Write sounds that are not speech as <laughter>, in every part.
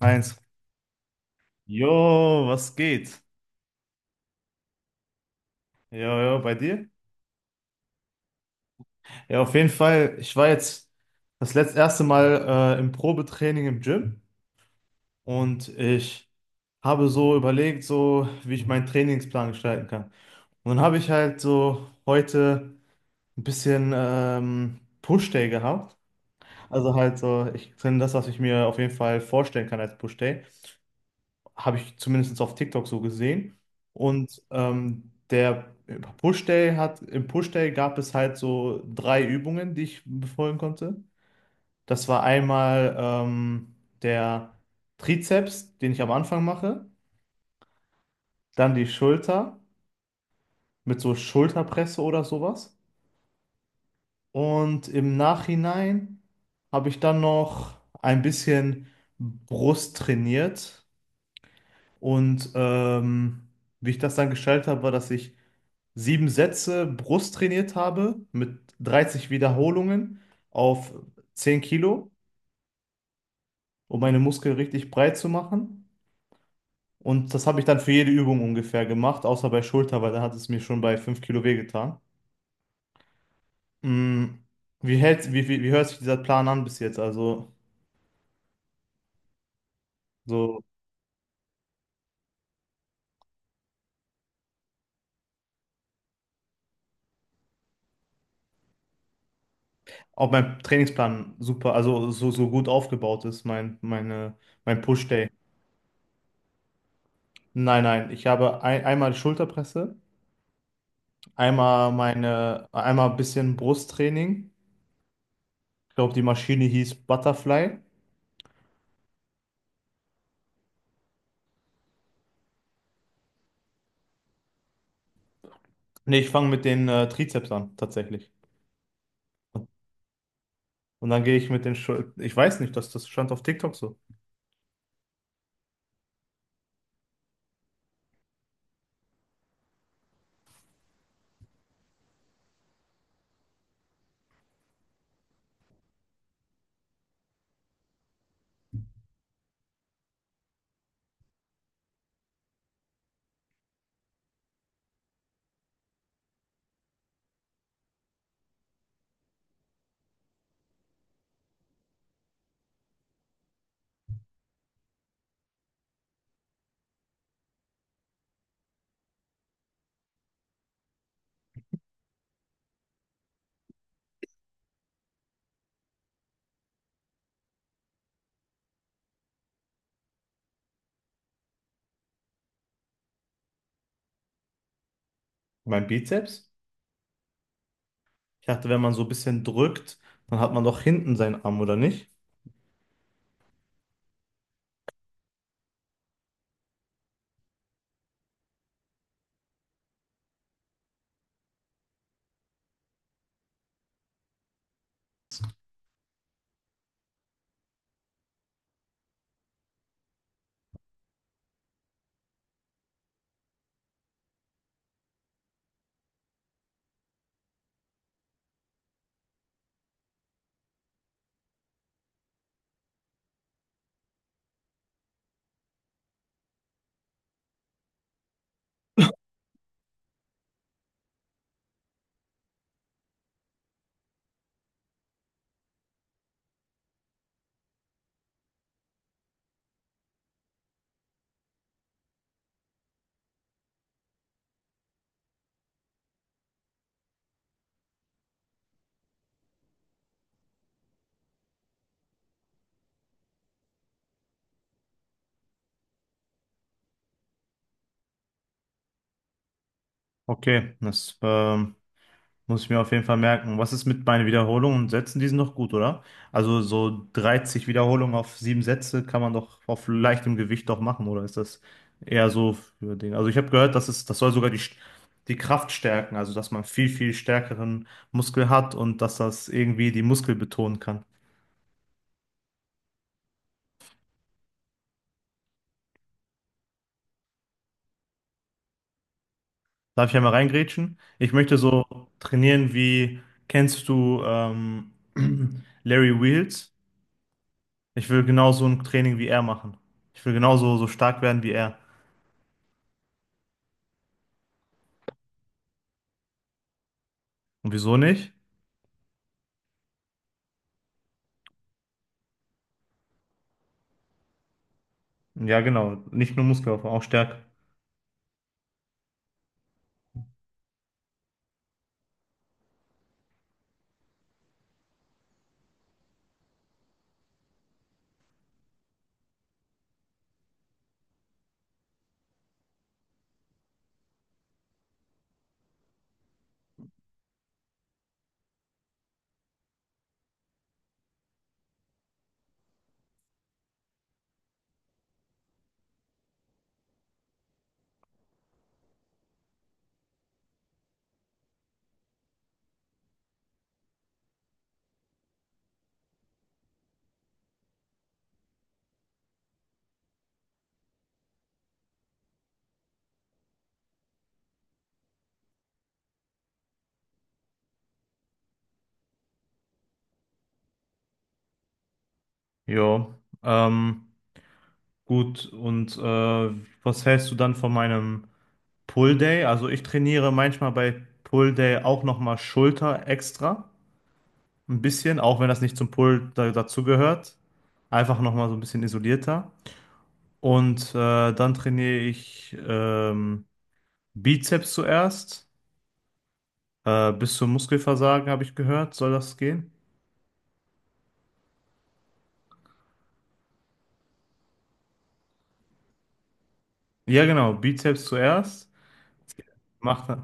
Eins. Jo, was geht? Jo, jo, bei dir? Ja, auf jeden Fall. Ich war jetzt das letzte erste Mal im Probetraining im Gym und ich habe so überlegt, so wie ich meinen Trainingsplan gestalten kann. Und dann habe ich halt so heute ein bisschen Push-Day gehabt. Also halt so, ich trainiere das, was ich mir auf jeden Fall vorstellen kann als Push-Day, habe ich zumindest auf TikTok so gesehen. Und ähm, der Im Push Day gab es halt so drei Übungen, die ich befolgen konnte. Das war einmal der Trizeps, den ich am Anfang mache, dann die Schulter mit so Schulterpresse oder sowas. Und im Nachhinein habe ich dann noch ein bisschen Brust trainiert. Und ähm, Wie ich das dann gestaltet habe, war, dass ich 7 Sätze Brust trainiert habe mit 30 Wiederholungen auf 10 Kilo, um meine Muskeln richtig breit zu machen. Und das habe ich dann für jede Übung ungefähr gemacht, außer bei Schulter, weil da hat es mir schon bei 5 Kilo wehgetan. Mm, Wie hält, wie, wie, wie hört sich dieser Plan an bis jetzt? Also, so, ob mein Trainingsplan super, also so gut aufgebaut ist, mein Push-Day. Nein, nein, ich habe einmal Schulterpresse, einmal ein bisschen Brusttraining. Ich glaube, die Maschine hieß Butterfly. Nee, ich fange mit den Trizeps an, tatsächlich. Und dann gehe ich mit den Schul- Ich weiß nicht, das stand auf TikTok so. Mein Bizeps? Ich dachte, wenn man so ein bisschen drückt, dann hat man doch hinten seinen Arm, oder nicht? Okay, das Muss ich mir auf jeden Fall merken. Was ist mit meinen Wiederholungen und Sätzen? Die sind doch gut, oder? Also so 30 Wiederholungen auf 7 Sätze kann man doch auf leichtem Gewicht doch machen, oder ist das eher so für den? Also ich habe gehört, dass das soll sogar die Kraft stärken, also dass man viel, viel stärkeren Muskel hat und dass das irgendwie die Muskel betonen kann. Darf ich einmal reingrätschen? Ich möchte so trainieren wie, kennst du <clears throat> Larry Wheels? Ich will genau so ein Training wie er machen. Ich will genauso so stark werden wie er. Und wieso nicht? Ja, genau. Nicht nur Muskelaufbau, auch Stärke. Jo. Ähm, gut, und was hältst du dann von meinem Pull Day? Also ich trainiere manchmal bei Pull Day auch nochmal Schulter extra. Ein bisschen, auch wenn das nicht zum Pull dazugehört. Einfach nochmal so ein bisschen isolierter. Und dann trainiere ich Bizeps zuerst. Bis zum Muskelversagen, habe ich gehört, soll das gehen? Ja, genau. Bizeps zuerst. Macht,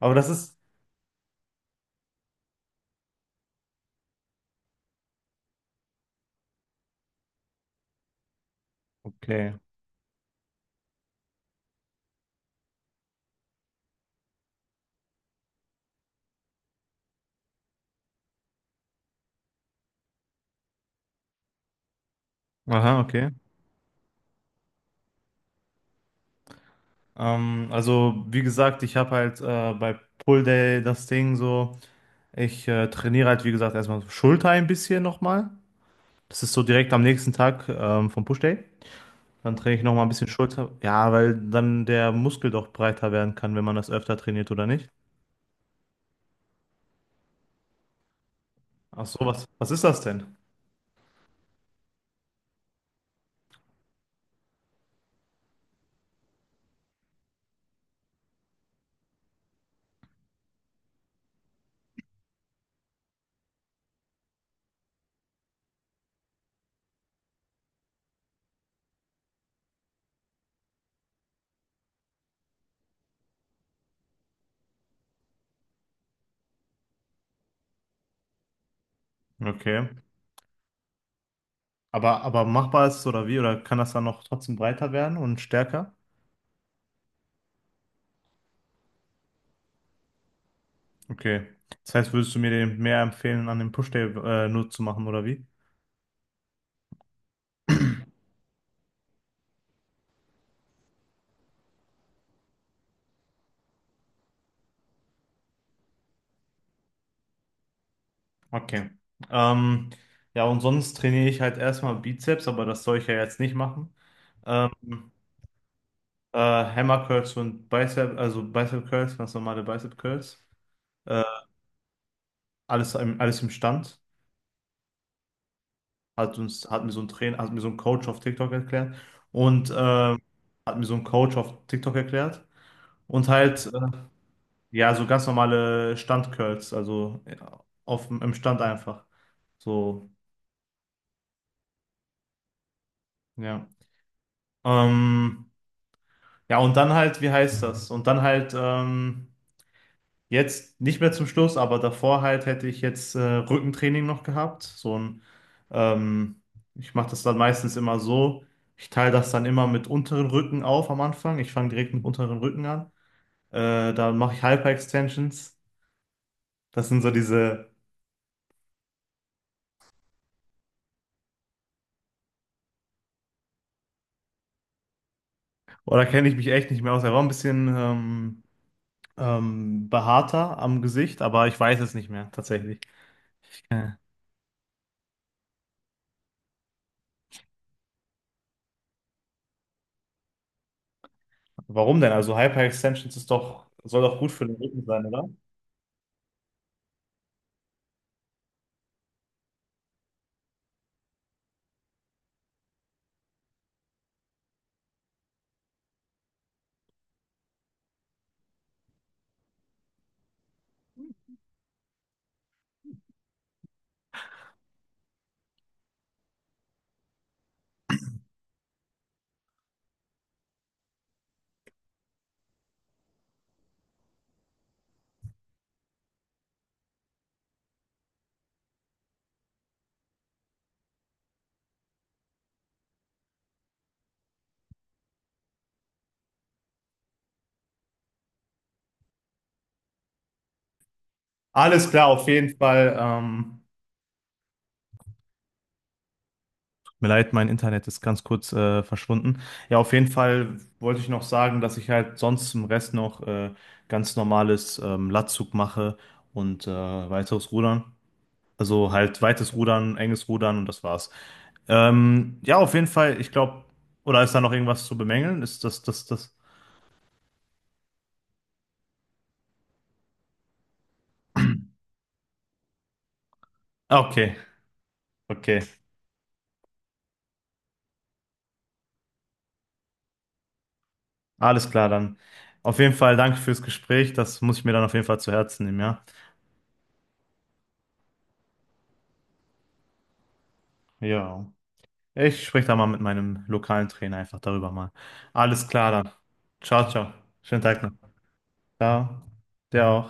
Aber das ist okay. Aha, okay. Also wie gesagt, ich habe halt bei Pull Day das Ding so, ich trainiere halt wie gesagt erstmal Schulter ein bisschen nochmal. Das ist so direkt am nächsten Tag vom Push Day. Dann trainiere ich nochmal ein bisschen Schulter. Ja, weil dann der Muskel doch breiter werden kann, wenn man das öfter trainiert oder nicht. Ach so, was ist das denn? Okay. Aber machbar ist es oder wie? Oder kann das dann noch trotzdem breiter werden und stärker? Okay. Das heißt, würdest du mir den mehr empfehlen, an dem Push-Day nur zu machen, oder wie? Okay. Ähm, ja, und sonst trainiere ich halt erstmal Bizeps, aber das soll ich ja jetzt nicht machen. Ähm, Hammer Curls und Bicep, also Bicep Curls, ganz normale Bicep Curls. Äh, alles im Stand. Hat mir so ein Coach auf TikTok erklärt. Und ähm, hat mir so ein Coach auf TikTok erklärt. Und halt Ja, so ganz normale Standcurls, also ja, im Stand einfach. So, ja. Ähm, ja, und dann halt, wie heißt das? Und dann halt jetzt nicht mehr zum Schluss, aber davor halt hätte ich jetzt Rückentraining noch gehabt. Ähm, Ich mache das dann meistens immer so. Ich teile das dann immer mit unteren Rücken auf am Anfang. Ich fange direkt mit unteren Rücken an. Dann mache ich Hyper Extensions. Das sind so diese, oder kenne ich mich echt nicht mehr aus. Er war ein bisschen, behaarter am Gesicht, aber ich weiß es nicht mehr, tatsächlich. Äh, Warum denn? Also Hyper-Extensions ist doch, soll doch gut für den Rücken sein, oder? Alles klar, auf jeden Fall. Tut mir leid, mein Internet ist ganz kurz verschwunden. Ja, auf jeden Fall wollte ich noch sagen, dass ich halt sonst im Rest noch ganz normales Latzug mache und weiteres Rudern. Also halt weites Rudern, enges Rudern und das war's. Ja, auf jeden Fall, ich glaube, oder ist da noch irgendwas zu bemängeln? Ist das, das, das. Okay, okay. Alles klar dann. Auf jeden Fall danke fürs Gespräch. Das muss ich mir dann auf jeden Fall zu Herzen nehmen, ja? Ja. Ich spreche da mal mit meinem lokalen Trainer einfach darüber mal. Alles klar dann. Ciao, ciao. Schönen Tag noch. Ciao. Dir auch.